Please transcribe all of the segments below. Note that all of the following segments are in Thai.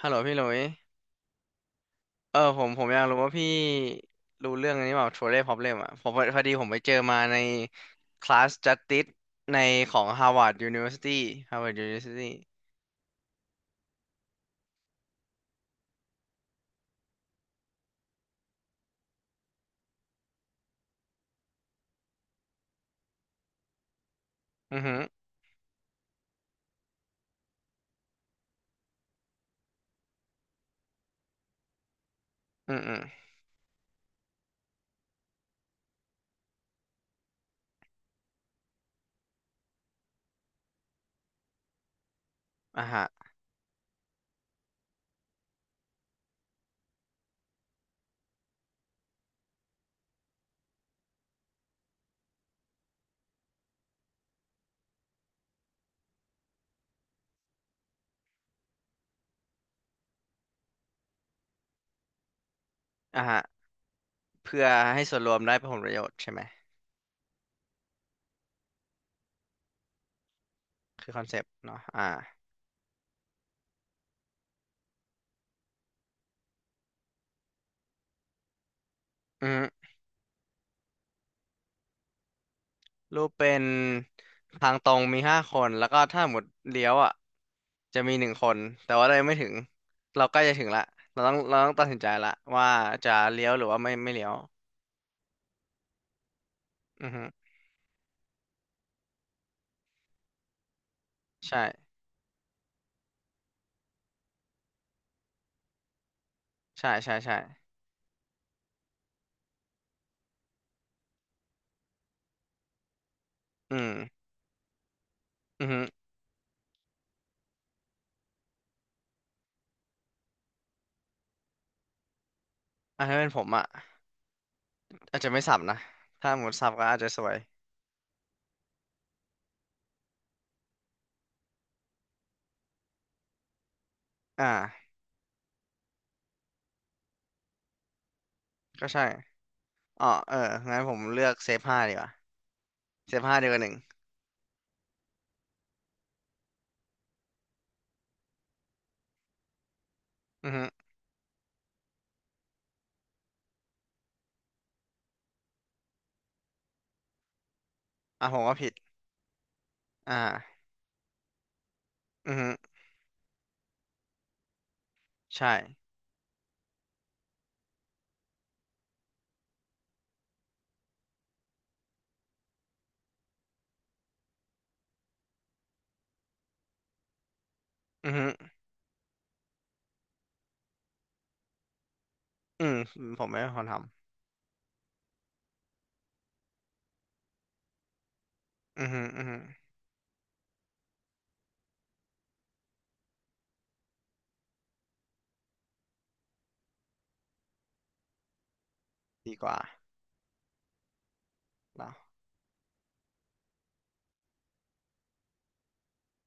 ฮัลโหลพี่หลุยเออผมผมอยากรู้ว่าพี่รู้เรื่องอันนี้เปล่า Trolley Problem อ่ะผมพอพอดีผมไปเจอมาในคลาส Justice ในของ Harvard University Harvard University อือฮึอืออืออ่ะฮะอ่ะฮะเพื่อให้ส่วนรวมได้ผลประโยชน์ใช่ไหม คือคอนเซปต์เนาะอ่าอือฮึรูปเป็นทางตรงมีห้าคนแล้วก็ถ้าหมดเลี้ยวอ่ะจะมีหนึ่งคนแต่ว่าเรายังไม่ถึงเราใกล้จะถึงละเราต้องตัดสินใจละว่าจะเลี้ยวหรือว่าไม่เลี้ยว อือฮึใช่ใช่ใช่ใช่อืมอือฮึอ่ะถ้าเป็นผมอ่ะอาจจะไม่สับนะ ถ้าหมดสับก็อาจจะสวยอ่าก็ใช่อ๋อเอองั้นผมเลือกเซฟห้าดีกว่าเซฟห้าดีกว่าหนึ่งอือฮึอ่ะผมว่าผิดอ่าอือฮึใช่อือฮึอืมผมไม่เป็นคนทำอือฮึอือฮึดีกว่าเรา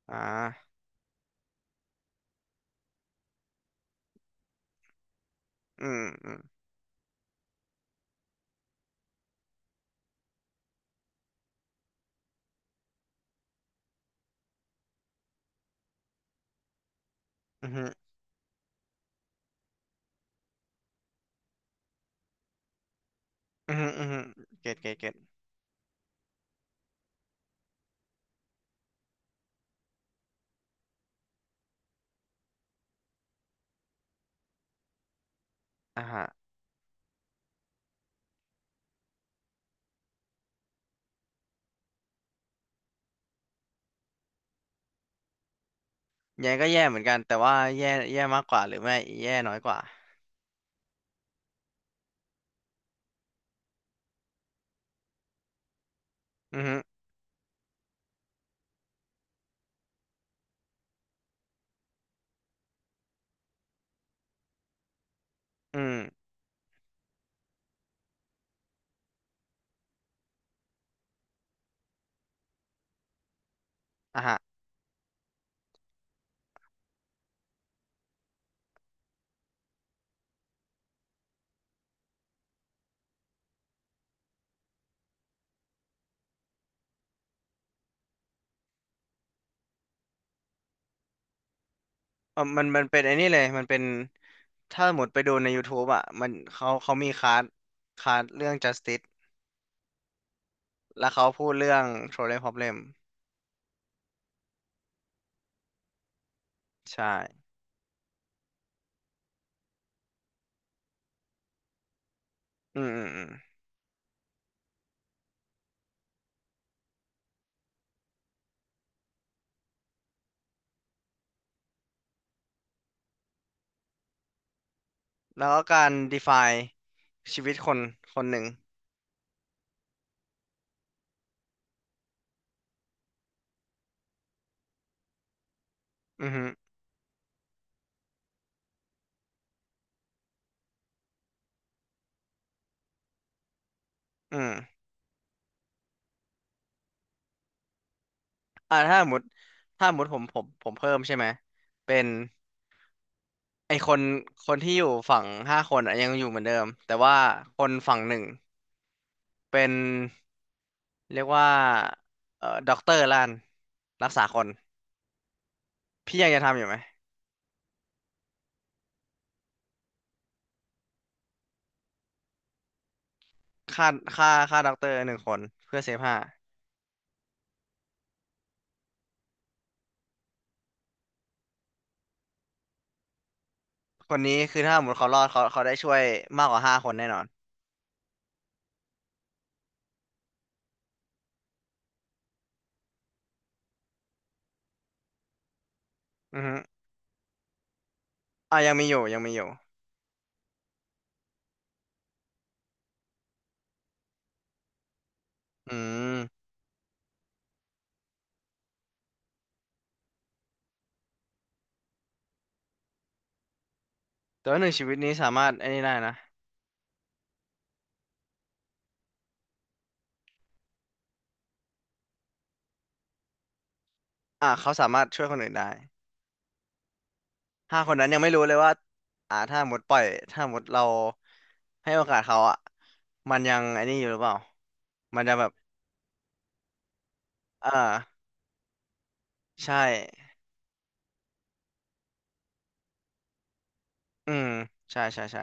อ่าอืมอืมอือฮึอือฮึอือฮึเก็ตเก็ตเก็ตอ่าฮะแย่ก็แย่เหมือนกัน แต่ว่าแย่แย่มากกว่าหรือไม่แย่น้อยกว่าอือฮึอืมอ่า อมันมันเป็นไอ้นี่เลยมันเป็นถ้าหมดไปดูใน YouTube อ่ะมันเขาเขามีคลาสเรื่อง Justice แล้วเขาพูดเรื่อง Trolley Problem ใช่อืมอืมอืมแล้วก็การ define ชีวิตคนคนหนึ่ง อือฮึอืมอ่าถ้าสมมติถ้าสมมติผมเพิ่มใช่ไหม เป็นไอคนคนที่อยู่ฝั่งห้าคนอะยังอยู่เหมือนเดิม แต่ว่าคนฝั่งหนึ่งเป็นเรียกว่าด็อกเตอร์ล้านรักษาคน พี่ยังจะทำอยู่ไหมฆ่าฆ่าฆ่าด็อกเตอร์หนึ่งคนเพื่อเซฟห้าคนนี้คือถ้าสมมติเขารอดเขาเขาได้ช่วยมากกว่าห้าคนแน่นอนอือฮึอ่ะยังมีอยู่อืมแต่ว่าหนึ่งชีวิตนี้สามารถไอ้นี่ได้นะอ่ะเขาสามารถช่วยคนอื่นได้ห้าคนนั้นยังไม่รู้เลยว่าอ่าถ้าหมดปล่อยถ้าหมดเราให้โอกาสเขาอ่ะมันยังไอ้นี่อยู่หรือเปล่า มันจะแบบอ่าใช่อืมใช่ใช่ใช่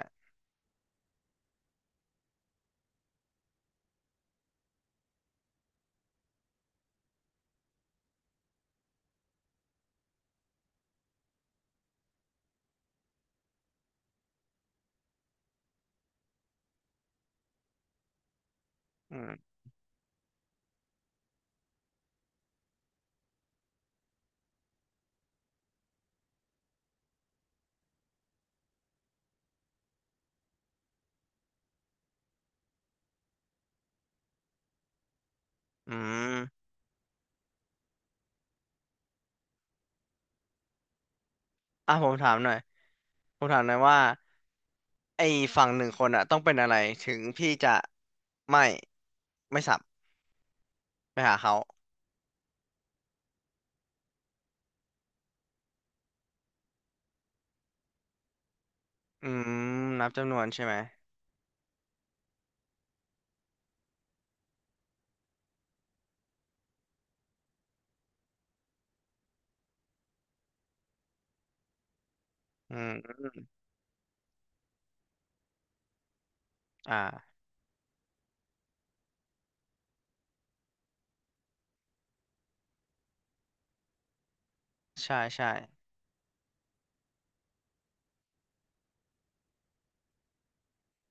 อืมอืมอ่ะผมถามหน่อยผมถามหน่อยว่า ไอ้ฝั่งหนึ่งคนอะต้องเป็นอะไรถึงพี่จะไม่ไม่สับไปหาเขาอืมนับจำนวนใช่ไหมอืมอ่าใช่ใช่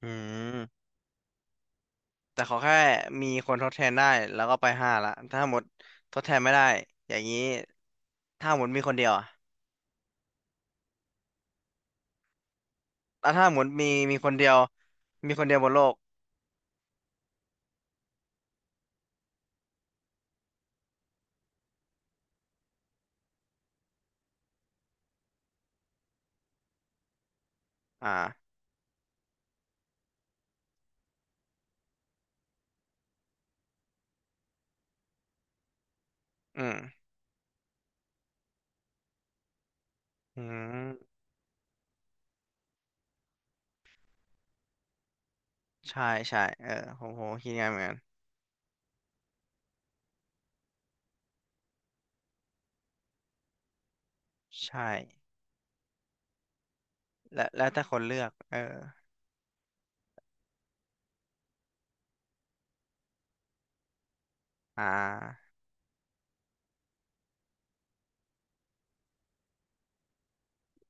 อืมแต่ขอแค่มีคนทดแทนได้แล้วก็ไปห้าละถ้าหมดทดแทนไม่ได้อย่างนี้ถ้าหมดมีคนเดียวอะแล้วถ้าหมดมีมีคนเดียวมีคนเดียวบนโลกอ่าอืมอืมใช่ใช่เออผมก็คิดง่ายเหมือนกันใช่และแล้วแต่คนเลือกเอออ่า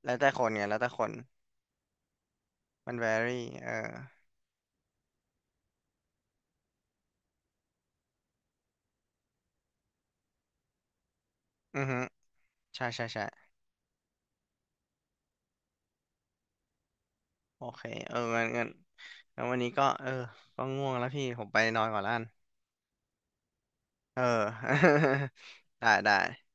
แล้วแต่คนไงแล้วแต่คนมัน vary เอออือฮึใช่ใช่ใช่โอเคเอองั้นแล้ววันนี้ก็เออก็ง่วงแล้วพี่ผมไปนอนก่อนละกันเออ ได้ได้